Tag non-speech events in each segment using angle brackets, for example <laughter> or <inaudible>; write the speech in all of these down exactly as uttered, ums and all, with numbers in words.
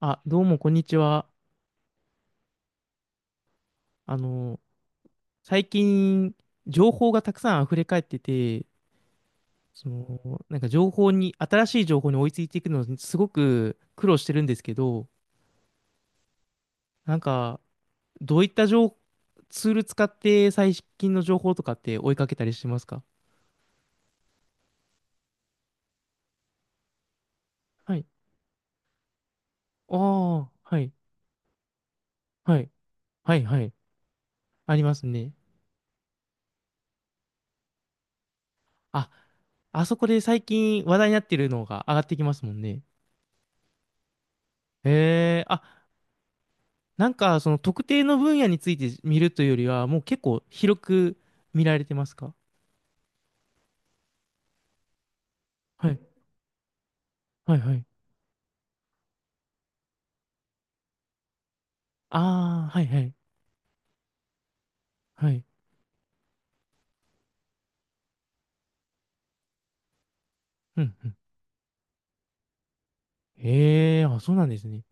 あ、どうも、こんにちは。あの、最近、情報がたくさん溢れ返ってて、その、なんか情報に、新しい情報に追いついていくのにすごく苦労してるんですけど、なんか、どういった情、ツール使って最近の情報とかって追いかけたりしてますか？はい。ああ、はい、はい、はい、はい。ありますね。あ、あそこで最近話題になってるのが上がってきますもんね。へえ、あ、なんか、その特定の分野について見るというよりは、もう結構広く見られてますか？はい、はい、はい。ああ、はい、はい、はい。うん、うん。へえ、あ、そうなんですね。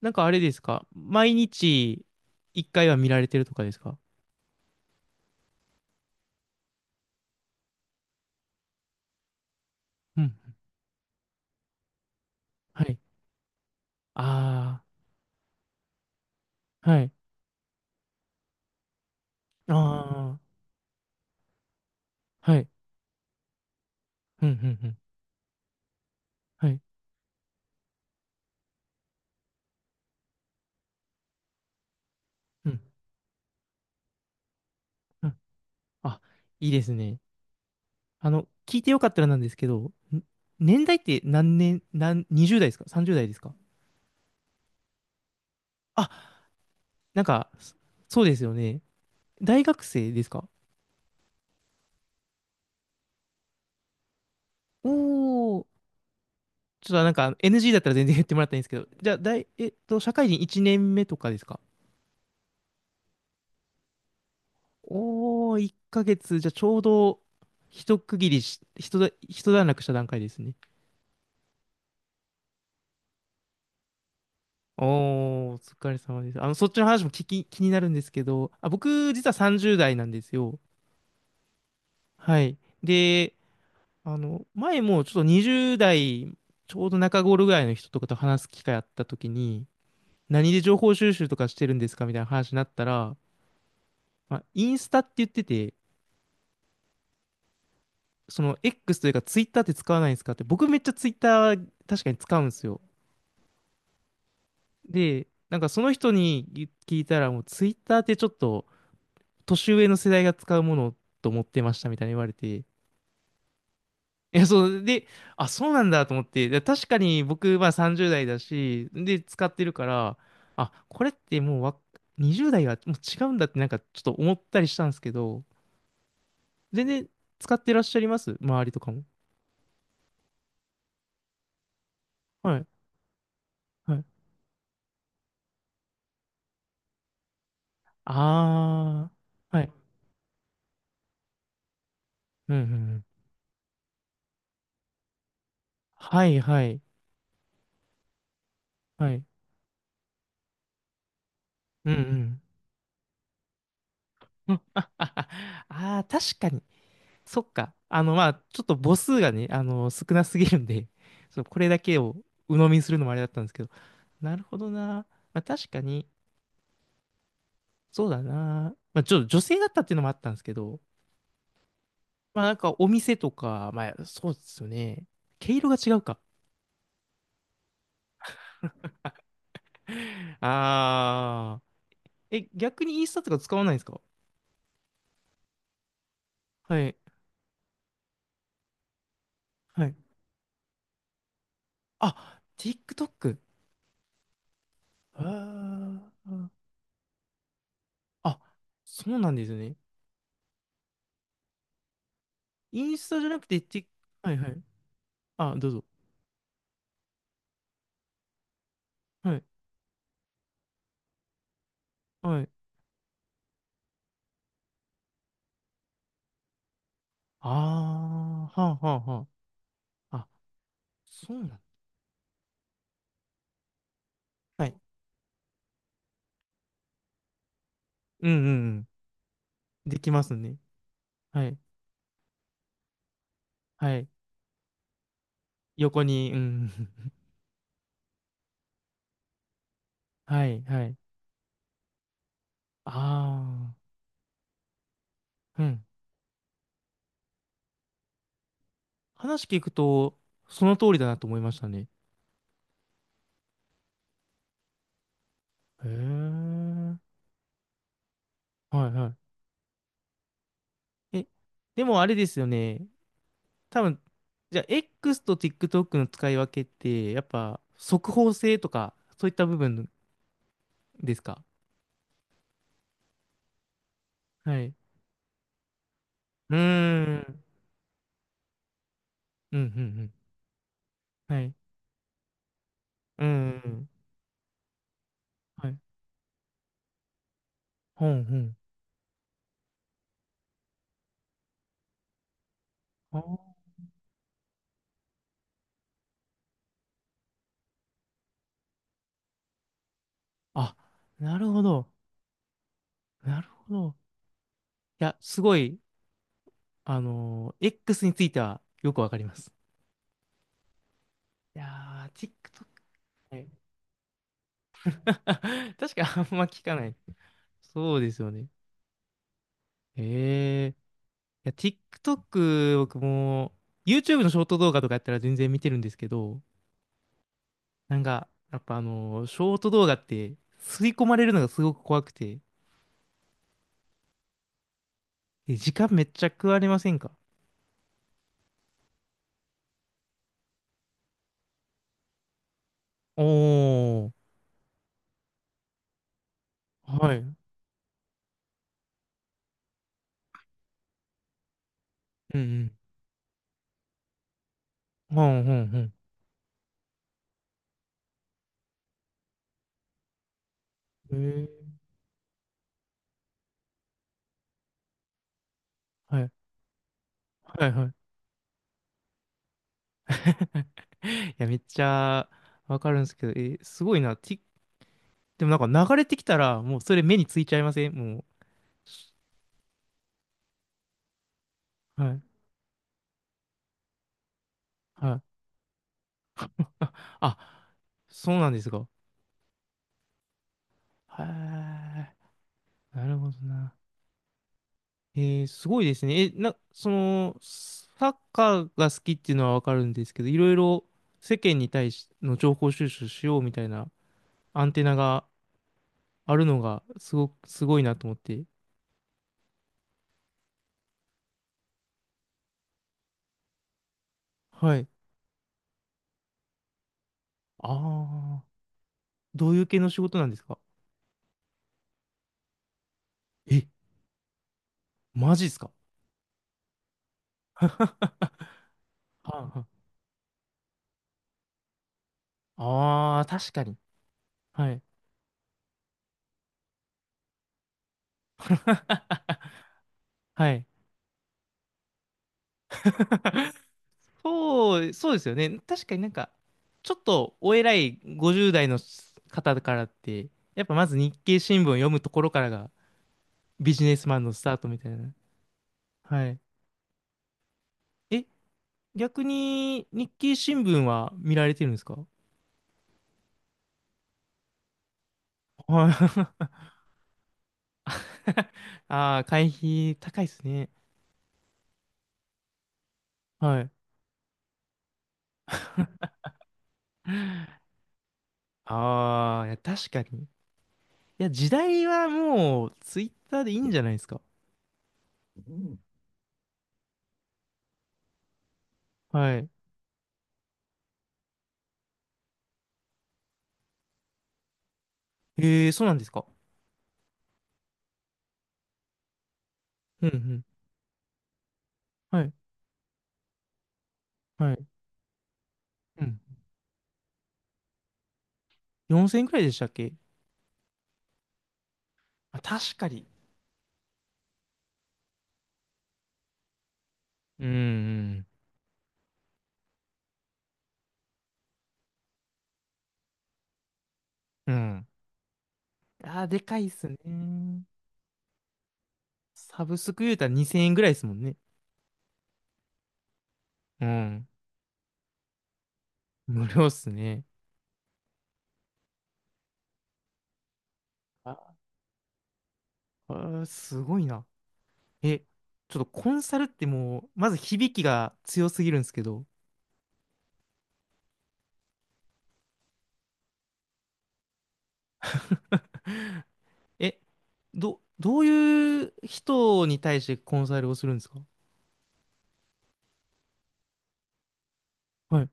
なんかあれですか、毎日一回は見られてるとかですか？うん、はい。ああ、はい。ああ、はい。うん、うん、うん。はい。うん、うん。あ、いいですね。あの、聞いてよかったらなんですけど、ん年代って何年、何、にじゅうだい代ですか？ さんじゅうだい 代ですか？あ、なんか、そそうですよね。大学生ですか？おー、ちょっとなんか エヌジー だったら全然言ってもらったらいいんですけど、じゃあ、大、えっと、社会人いちねんめとかですか？おー、いっかげつ、じゃあちょうど、一区切りし、一だ、一段落した段階ですね。おー、お疲れ様です。あの、そっちの話も聞き、気になるんですけど、あ、僕、実はさんじゅうだい代なんですよ。はい。で、あの、前もちょっとにじゅうだい代、ちょうど中頃ぐらいの人とかと話す機会あった時に、何で情報収集とかしてるんですかみたいな話になったら、まあ、インスタって言ってて、その X というか ツイッター って使わないんですかって、僕めっちゃ Twitter 確かに使うんですよ。で、なんかその人に聞いたら、もう Twitter ってちょっと年上の世代が使うものと思ってましたみたいに言われて、いや、そう、で、あ、そうなんだと思って、で確かに僕まあさんじゅうだい代だし、で、使ってるから、あ、これってもうわにじゅうだい代はもう違うんだってなんかちょっと思ったりしたんですけど、全然使ってらっしゃいます、周りとかも。はい。はい。ああ。はい。うんうんうん。はい、はい。はい。うんうん。うん、あああ、 <laughs> あー、確かに。そっか。あの、まあ、ちょっと母数がね、あの、少なすぎるんで、<laughs> そう、これだけを鵜呑みにするのもあれだったんですけど。なるほどな。まあ、確かに、そうだな。まあ、ちょっと女性だったっていうのもあったんですけど、まあ、なんかお店とか、まあ、そうですよね。毛色が違うか。<laughs> ああ。え、逆にインスタとか使わないんですか？はい。はい。あ、TikTok。あー、あ、そうなんですね。インスタじゃなくて、テはいはい。あ、どうぞ。はい。はい。ああ、はあはあはあ。あ、そうなん。はい。うんうんうん。できますね。はい。はい。横に、うん。<laughs> はいはい。ああ、うん。話聞くと、その通りだなと思いましたね。へえ。はいはい。え、でもあれですよね。多分、じゃあ X と ティックトック の使い分けって、やっぱ速報性とか、そういった部分ですか？はい。うーん。うん、うん、うん。はい。うん、うん。はい。ほん、ほん。あ、あ、なるほど。なるほど。いや、すごい、あのー X についてはよくわかります。いやー、TikTok。はい。 <laughs> 確かあんま聞かない。そうですよね。へえ。いや、TikTok、僕も、ユーチューブ のショート動画とかやったら全然見てるんですけど、なんか、やっぱあのー、ショート動画って、吸い込まれるのがすごく怖くて、え時間めっちゃ食われませんか？おー、はい。うんうん。ほんほんほん。へえー、はい、はい、はい。<laughs> いや、めっちゃわかるんですけど、えすごいな。ティでもなんか流れてきたら、もうそれ目についちゃいませんもう。はい、はい。あ、あ、そうなんですか。はい。なるほどな。えー、すごいですね。え、な、その、サッカーが好きっていうのはわかるんですけど、いろいろ世間に対しての情報収集しようみたいなアンテナがあるのがすごく、すごいなと思って。はい。ああ、どういう系の仕事なんですか？え、マジですか？ <laughs> はあ、はああー、確かに。はい。<laughs> はい。そう、そうですよね。確かになんか、ちょっとお偉いごじゅうだい代の方からって、やっぱまず日経新聞を読むところからがビジネスマンのスタートみたいな。はい。え、逆に日経新聞は見られてるんですか？はい。<laughs> ああ、会費高いですね。はい。ああ、いや、確かに。いや、時代はもうツイッターでいいんじゃないですか？はい。ええ、そうなんですか。うんうん。はい。はい。うん、よんせんえんくらいでしたっけ？あ、確かに。うん、うん。うん。あー、でかいっすね。サブスク言うたらにせんえんくらいですもんね。うん。無料っすね。あ、あーすごいな。え、ちょっとコンサルってもう、まず響きが強すぎるんですけど、え、ど、どういう人に対してコンサルをするんですか？はい。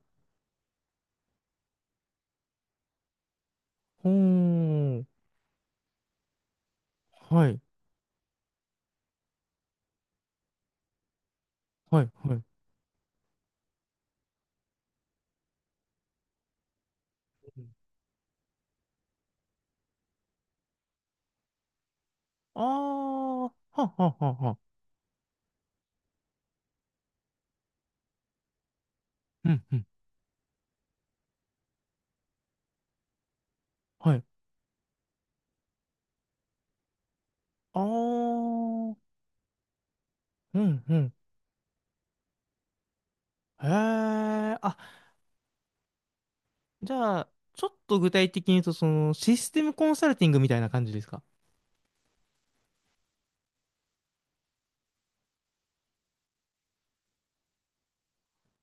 ほーん。はい。はい。はい。ああー、はっはっはっは。うん、うん。はい。ああ、うんうん。へえ、あ、じゃあ、ちょっと具体的に言うと、その、システムコンサルティングみたいな感じですか？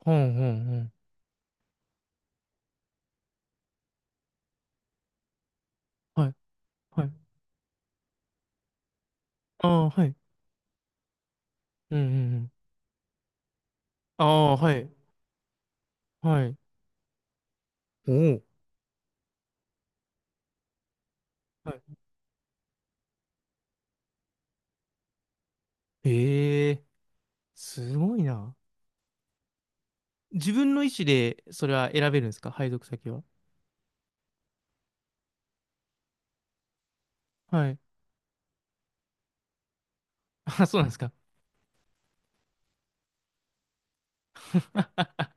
うんうんうん。はい、はい。ああ、はい。うんうんうん。ああ、はい、はい。おお。はい。ええ、すごいな。自分の意思で、それは選べるんですか？配属先は。はい。あ、そうなんですか。<laughs>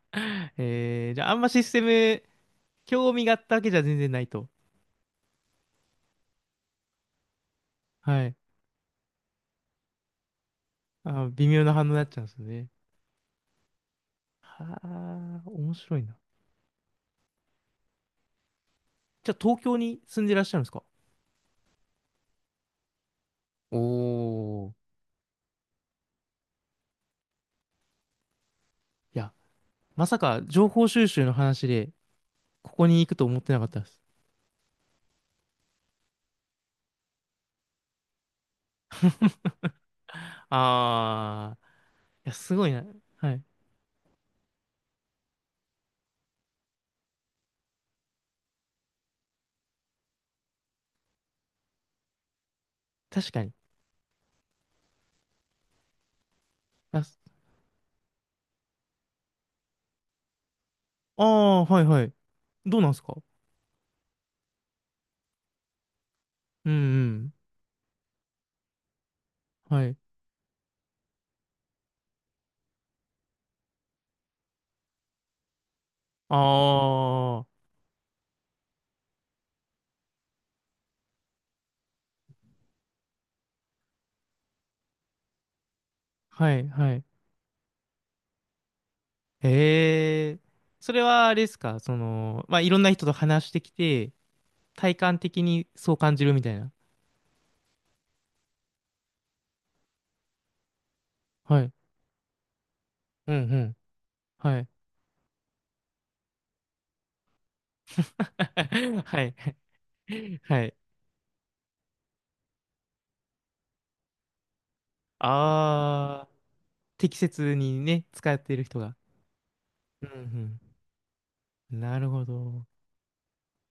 ええ、じゃあ、あんまシステム、興味があったわけじゃ全然ないと。はい。あ、微妙な反応になっちゃうんですよね。はあ、面白いな。じゃあ東京に住んでらっしゃるんですか？おー。いや、まさか情報収集の話で、ここに行くと思ってなかったです。あー、いや、すごいな。はい。確かに。あ、すあー、はいはい。どうなんですか？うんうん。はい。あー、はいはい。へえ。それはあれですか、その、まあ、いろんな人と話してきて、体感的にそう感じるみたいな。はい。うんうん。はい。<laughs> はい。はい。ああ、適切にね、使っている人が。うんうん。なるほど。